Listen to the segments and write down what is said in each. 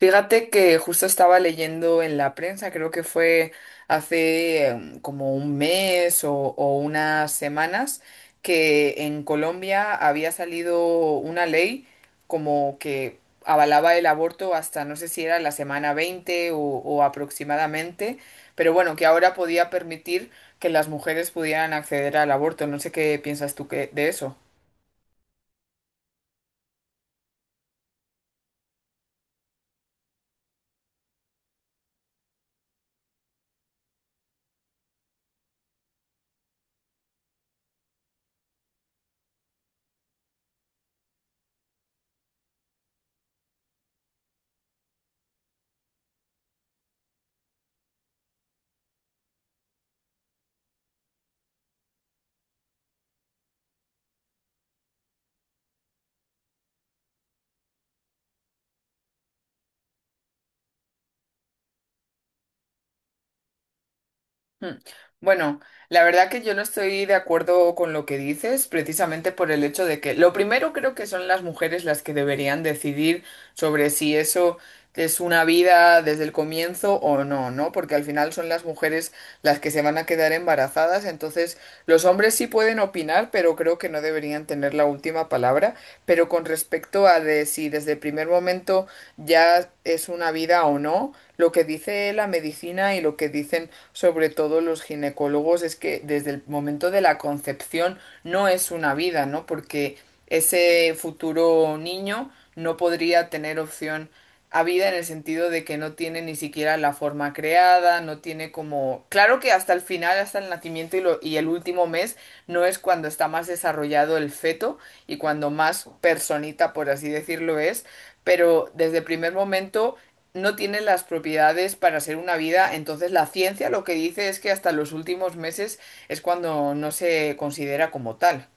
Fíjate que justo estaba leyendo en la prensa, creo que fue hace como un mes o unas semanas, que en Colombia había salido una ley como que avalaba el aborto hasta no sé si era la semana 20 o aproximadamente, pero bueno, que ahora podía permitir que las mujeres pudieran acceder al aborto. No sé qué piensas tú de eso. Mm. Bueno, la verdad que yo no estoy de acuerdo con lo que dices, precisamente por el hecho de que lo primero creo que son las mujeres las que deberían decidir sobre si eso es una vida desde el comienzo o no, ¿no? Porque al final son las mujeres las que se van a quedar embarazadas, entonces los hombres sí pueden opinar, pero creo que no deberían tener la última palabra. Pero con respecto a de si desde el primer momento ya es una vida o no, lo que dice la medicina y lo que dicen sobre todo los ginecólogos, es que desde el momento de la concepción no es una vida, ¿no? Porque ese futuro niño no podría tener opción habida en el sentido de que no tiene ni siquiera la forma creada, no tiene como... Claro que hasta el final, hasta el nacimiento y el último mes, no es cuando está más desarrollado el feto y cuando más personita, por así decirlo, es, pero desde el primer momento no tiene las propiedades para ser una vida, entonces la ciencia lo que dice es que hasta los últimos meses es cuando no se considera como tal.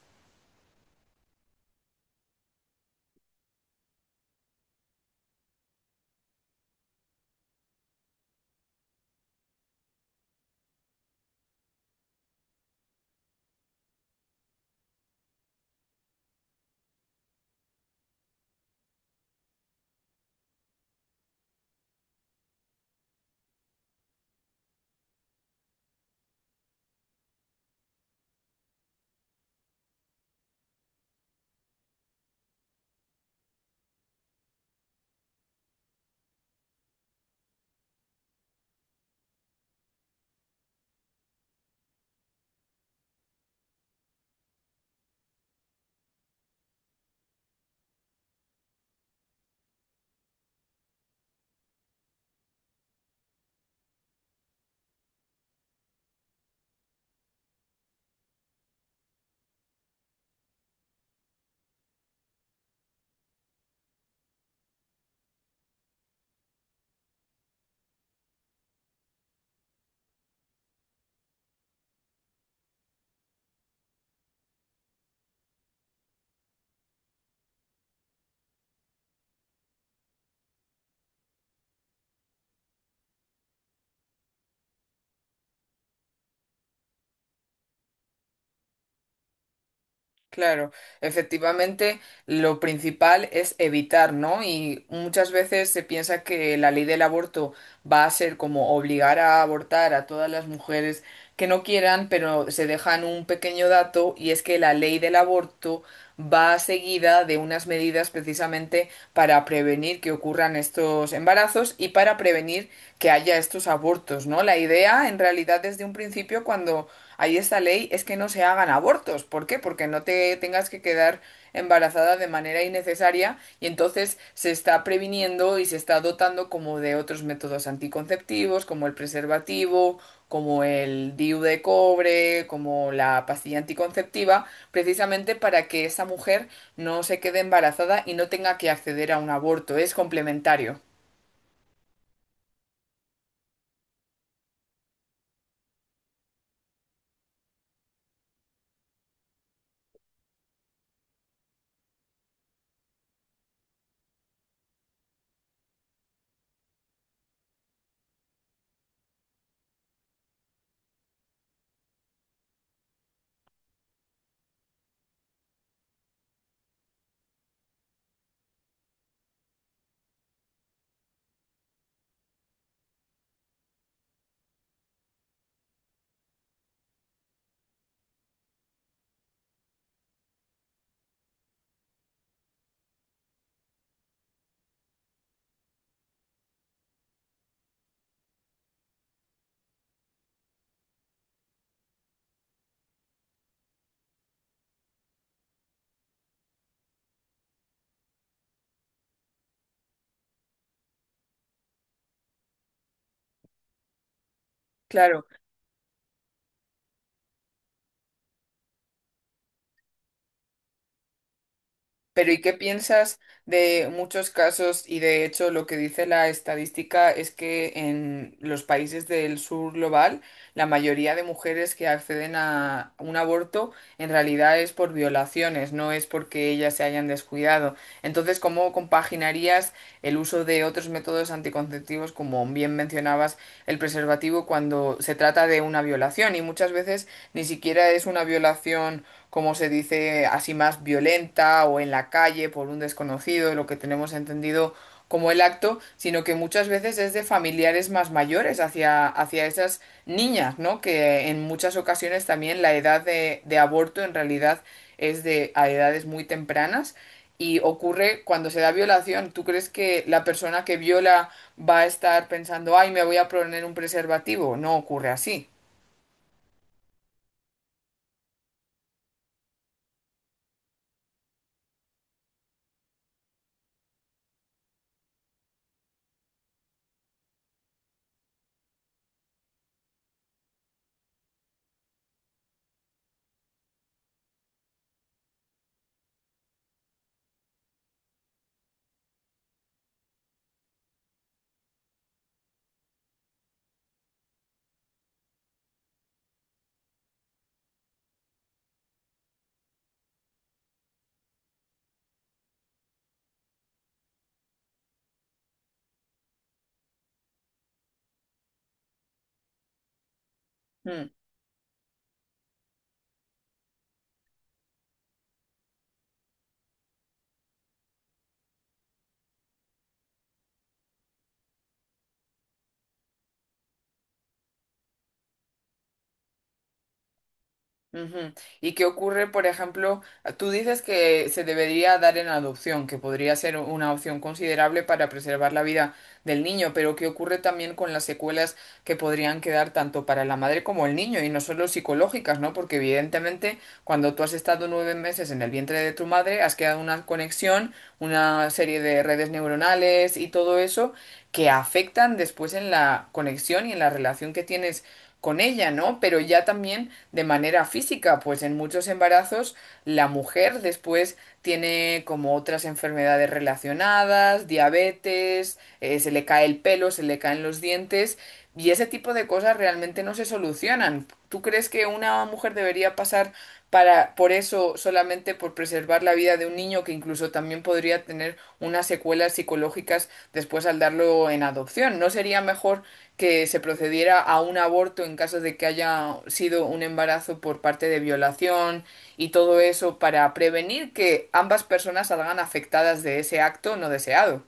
Claro, efectivamente, lo principal es evitar, ¿no? Y muchas veces se piensa que la ley del aborto va a ser como obligar a abortar a todas las mujeres que no quieran, pero se dejan un pequeño dato y es que la ley del aborto va seguida de unas medidas precisamente para prevenir que ocurran estos embarazos y para prevenir que haya estos abortos, ¿no? La idea en realidad desde un principio cuando ahí esta ley es que no se hagan abortos. ¿Por qué? Porque no te tengas que quedar embarazada de manera innecesaria y entonces se está previniendo y se está dotando como de otros métodos anticonceptivos, como el preservativo, como el DIU de cobre, como la pastilla anticonceptiva, precisamente para que esa mujer no se quede embarazada y no tenga que acceder a un aborto. Es complementario. Claro. Pero ¿y qué piensas de muchos casos? Y de hecho lo que dice la estadística es que en los países del sur global, la mayoría de mujeres que acceden a un aborto en realidad es por violaciones, no es porque ellas se hayan descuidado. Entonces, ¿cómo compaginarías el uso de otros métodos anticonceptivos, como bien mencionabas, el preservativo cuando se trata de una violación? Y muchas veces ni siquiera es una violación como se dice, así más violenta o en la calle por un desconocido, lo que tenemos entendido como el acto, sino que muchas veces es de familiares más mayores hacia esas niñas, ¿no? Que en muchas ocasiones también la edad de aborto en realidad es de a edades muy tempranas y ocurre cuando se da violación. ¿Tú crees que la persona que viola va a estar pensando, ay, me voy a poner un preservativo? No ocurre así. Ujú. ¿Y qué ocurre, por ejemplo, ah, tú dices que se debería dar en adopción, que podría ser una opción considerable para preservar la vida del niño, pero ¿qué ocurre también con las secuelas que podrían quedar tanto para la madre como el niño, y no solo psicológicas, ¿no? Porque evidentemente cuando tú has estado 9 meses en el vientre de tu madre, has quedado una conexión, una serie de redes neuronales y todo eso que afectan después en la conexión y en la relación que tienes con ella, ¿no? Pero ya también de manera física, pues en muchos embarazos la mujer después tiene como otras enfermedades relacionadas, diabetes, se le cae el pelo, se le caen los dientes y ese tipo de cosas realmente no se solucionan. ¿Tú crees que una mujer debería pasar para por eso solamente por preservar la vida de un niño que incluso también podría tener unas secuelas psicológicas después al darlo en adopción? ¿No sería mejor que se procediera a un aborto en caso de que haya sido un embarazo por parte de violación y todo eso para prevenir que ambas personas salgan afectadas de ese acto no deseado?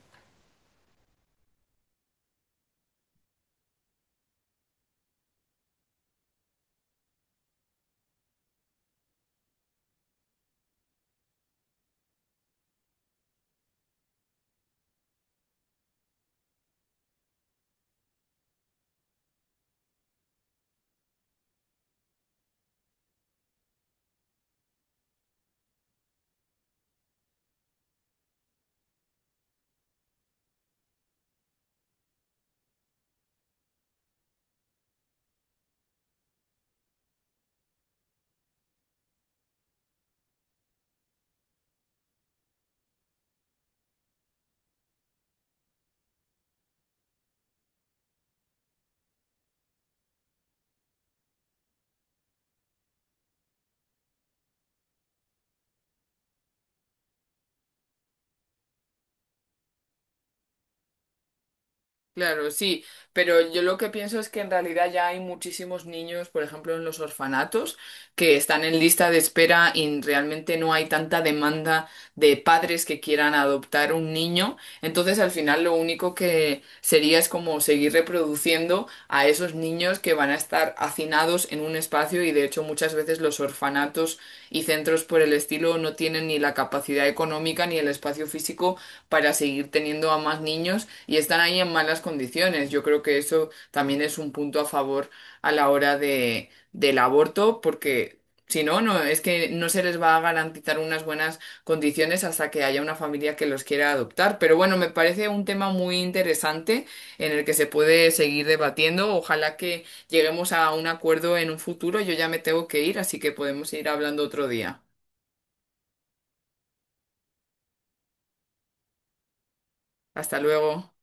Claro, sí, pero yo lo que pienso es que en realidad ya hay muchísimos niños, por ejemplo, en los orfanatos, que están en lista de espera y realmente no hay tanta demanda de padres que quieran adoptar un niño. Entonces, al final, lo único que sería es como seguir reproduciendo a esos niños que van a estar hacinados en un espacio y, de hecho, muchas veces los orfanatos y centros por el estilo no tienen ni la capacidad económica ni el espacio físico para seguir teniendo a más niños y están ahí en malas condiciones. Yo creo que eso también es un punto a favor a la hora del aborto, porque si no, no, es que no se les va a garantizar unas buenas condiciones hasta que haya una familia que los quiera adoptar. Pero bueno, me parece un tema muy interesante en el que se puede seguir debatiendo. Ojalá que lleguemos a un acuerdo en un futuro. Yo ya me tengo que ir, así que podemos ir hablando otro día. Hasta luego.